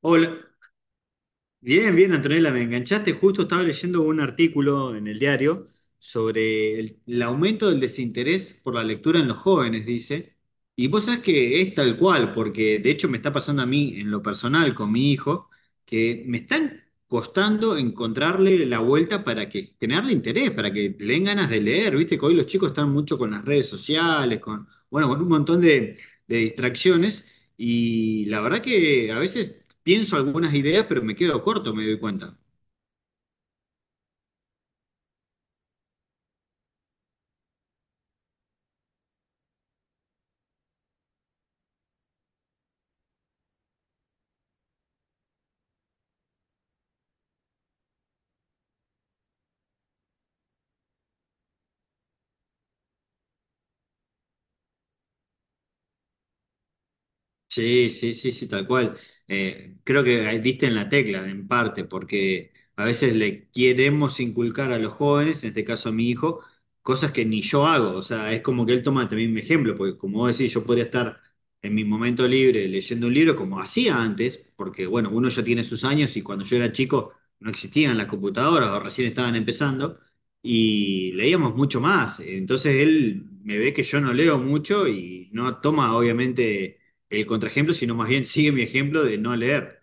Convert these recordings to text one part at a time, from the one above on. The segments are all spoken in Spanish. Hola, bien, bien, Antonella, me enganchaste. Justo estaba leyendo un artículo en el diario sobre el aumento del desinterés por la lectura en los jóvenes, dice. Y vos sabés que es tal cual, porque de hecho me está pasando a mí en lo personal con mi hijo, que me están costando encontrarle la vuelta para que generarle interés, para que le den ganas de leer. Viste que hoy los chicos están mucho con las redes sociales, con, bueno, con un montón de distracciones. Y la verdad que a veces pienso algunas ideas, pero me quedo corto, me doy cuenta. Sí, sí, sí, sí, tal cual. Creo que ahí diste en la tecla, en parte, porque a veces le queremos inculcar a los jóvenes, en este caso a mi hijo, cosas que ni yo hago. O sea, es como que él toma también mi ejemplo, porque como vos decís, yo podría estar en mi momento libre leyendo un libro como hacía antes, porque bueno, uno ya tiene sus años y cuando yo era chico no existían las computadoras o recién estaban empezando y leíamos mucho más. Entonces él me ve que yo no leo mucho y no toma, obviamente, el contraejemplo, sino más bien sigue mi ejemplo de no leer.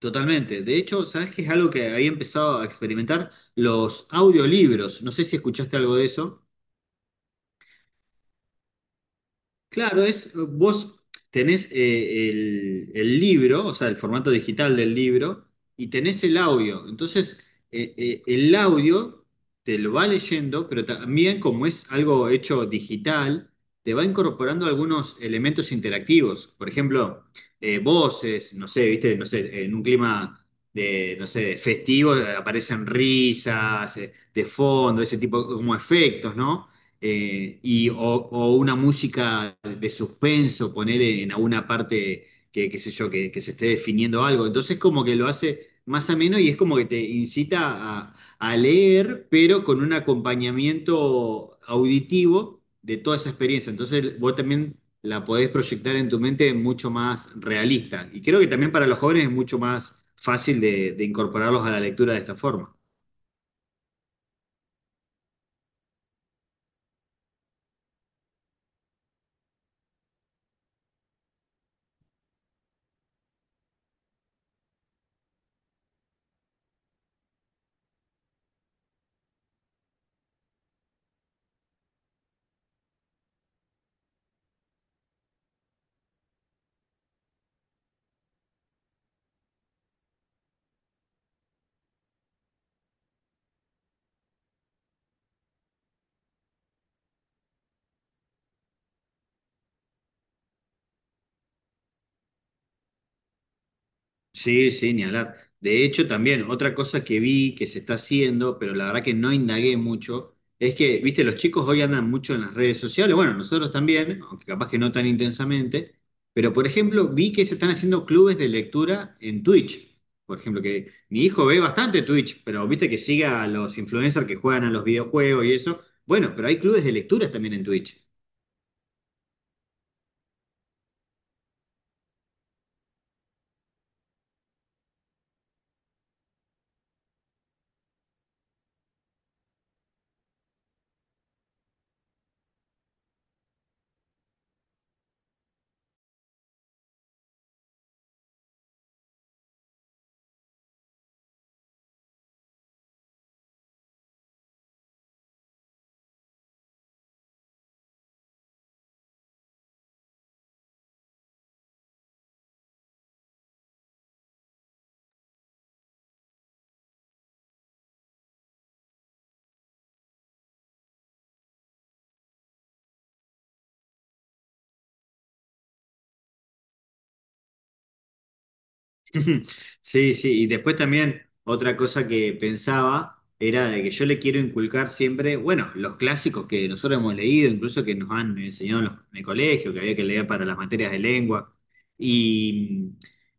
Totalmente. De hecho, ¿sabes qué es algo que había empezado a experimentar? Los audiolibros. No sé si escuchaste algo de eso. Claro, es, vos tenés el libro, o sea, el formato digital del libro, y tenés el audio. Entonces, el audio te lo va leyendo, pero también como es algo hecho digital, te va incorporando algunos elementos interactivos. Por ejemplo, voces, no sé, viste, no sé, en un clima de, no sé, de festivo, aparecen risas, de fondo, ese tipo como efectos, ¿no? O una música de suspenso, poner en alguna parte qué sé yo, que se esté definiendo algo. Entonces como que lo hace más ameno y es como que te incita a, a leer, pero con un acompañamiento auditivo de toda esa experiencia. Entonces vos también la podés proyectar en tu mente mucho más realista. Y creo que también para los jóvenes es mucho más fácil de incorporarlos a la lectura de esta forma. Sí, sí, ni hablar. De hecho, también otra cosa que vi que se está haciendo, pero la verdad que no indagué mucho, es que, viste, los chicos hoy andan mucho en las redes sociales, bueno, nosotros también, aunque capaz que no tan intensamente, pero por ejemplo, vi que se están haciendo clubes de lectura en Twitch. Por ejemplo, que mi hijo ve bastante Twitch, pero viste que sigue a los influencers que juegan a los videojuegos y eso. Bueno, pero hay clubes de lectura también en Twitch. Sí, sí, y después también otra cosa que pensaba era de que yo le quiero inculcar siempre, bueno, los clásicos que nosotros hemos leído, incluso que nos han enseñado en, en el colegio, que había que leer para las materias de lengua. Y,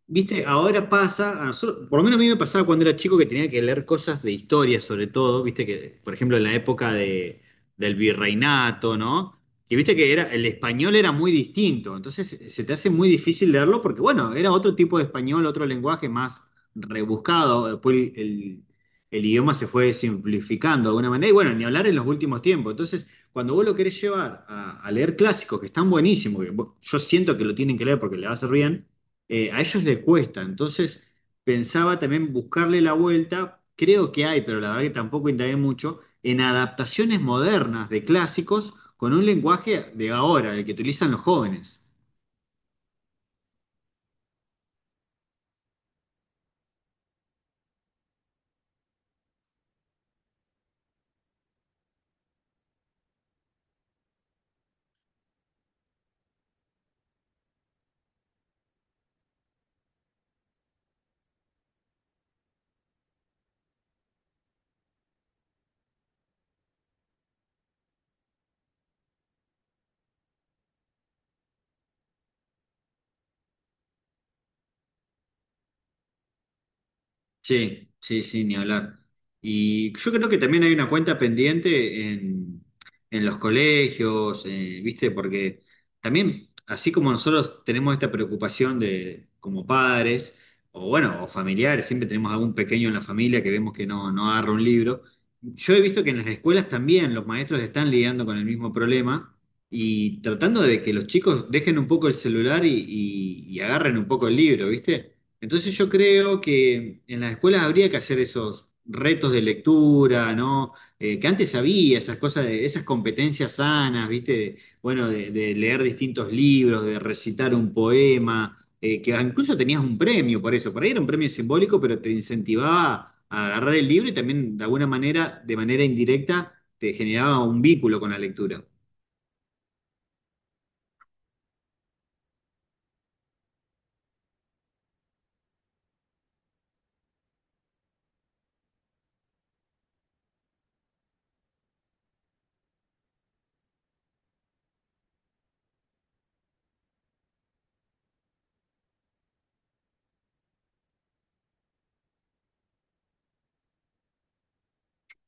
viste, ahora pasa, a nosotros, por lo menos a mí me pasaba cuando era chico que tenía que leer cosas de historia sobre todo, viste, que por ejemplo en la época de, del virreinato, ¿no? Que viste que era, el español era muy distinto, entonces se te hace muy difícil leerlo porque, bueno, era otro tipo de español, otro lenguaje más rebuscado, después el idioma se fue simplificando de alguna manera, y bueno, ni hablar en los últimos tiempos, entonces cuando vos lo querés llevar a leer clásicos que están buenísimos, yo siento que lo tienen que leer porque le va a hacer bien, a ellos les cuesta, entonces pensaba también buscarle la vuelta, creo que hay, pero la verdad que tampoco indagué mucho, en adaptaciones modernas de clásicos con un lenguaje de ahora, el que utilizan los jóvenes. Sí, sí, sí, ni hablar. Y yo creo que también hay una cuenta pendiente en los colegios, ¿viste? Porque también, así como nosotros tenemos esta preocupación de, como padres, o bueno, o familiares, siempre tenemos algún pequeño en la familia que vemos que no, no agarra un libro. Yo he visto que en las escuelas también los maestros están lidiando con el mismo problema y tratando de que los chicos dejen un poco el celular y agarren un poco el libro, ¿viste? Entonces yo creo que en las escuelas habría que hacer esos retos de lectura, ¿no? Que antes había esas cosas, de, esas competencias sanas, ¿viste? De, bueno, de leer distintos libros, de recitar un poema, que incluso tenías un premio por eso. Por ahí era un premio simbólico, pero te incentivaba a agarrar el libro y también de alguna manera, de manera indirecta, te generaba un vínculo con la lectura.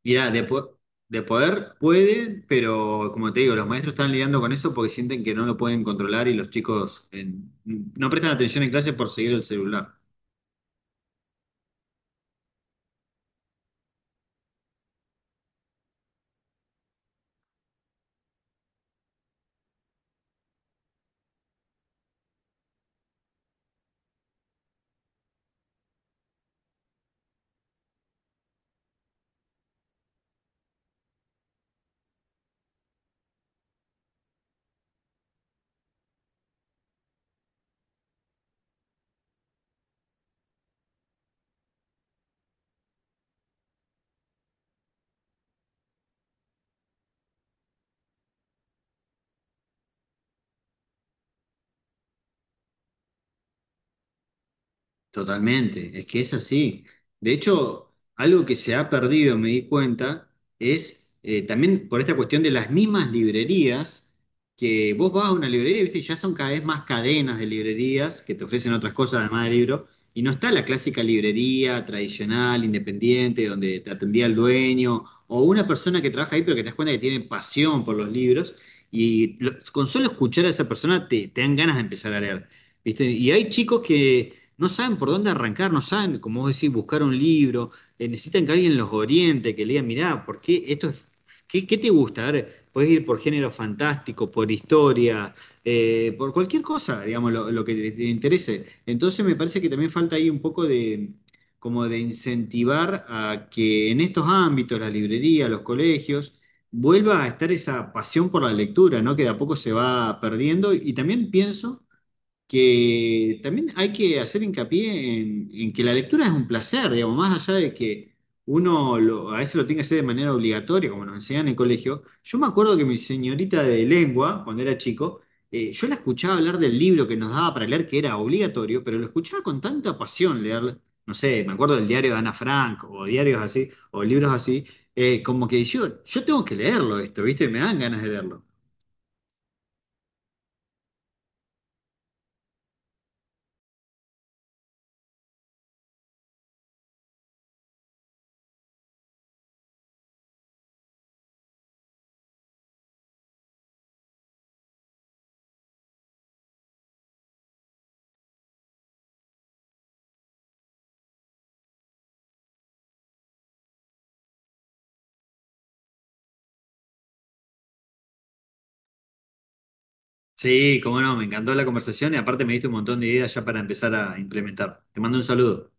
Mirá, de, de poder puede, pero como te digo, los maestros están lidiando con eso porque sienten que no lo pueden controlar y los chicos no prestan atención en clase por seguir el celular. Totalmente, es que es así. De hecho, algo que se ha perdido, me di cuenta, es también por esta cuestión de las mismas librerías, que vos vas a una librería, ¿viste? Y ya son cada vez más cadenas de librerías que te ofrecen otras cosas además de libros, y no está la clásica librería tradicional, independiente, donde te atendía el dueño, o una persona que trabaja ahí, pero que te das cuenta que tiene pasión por los libros, y con solo escuchar a esa persona te, te dan ganas de empezar a leer. ¿Viste? Y hay chicos que no saben por dónde arrancar, no saben, como vos decís, buscar un libro, necesitan que alguien los oriente, que le diga mirá, ¿por qué esto es... ¿Qué, qué te gusta? A ver, podés ir por género fantástico, por historia, por cualquier cosa, digamos, lo que te interese. Entonces me parece que también falta ahí un poco de, como de incentivar a que en estos ámbitos, la librería, los colegios, vuelva a estar esa pasión por la lectura, ¿no? Que de a poco se va perdiendo. Y también pienso que también hay que hacer hincapié en que la lectura es un placer, digamos, más allá de que a veces lo tenga que hacer de manera obligatoria, como nos enseñan en el colegio. Yo me acuerdo que mi señorita de lengua, cuando era chico, yo la escuchaba hablar del libro que nos daba para leer, que era obligatorio, pero lo escuchaba con tanta pasión leer, no sé, me acuerdo del diario de Ana Frank, o diarios así, o libros así, como que yo tengo que leerlo esto, ¿viste? Me dan ganas de leerlo. Sí, cómo no, me encantó la conversación y aparte me diste un montón de ideas ya para empezar a implementar. Te mando un saludo.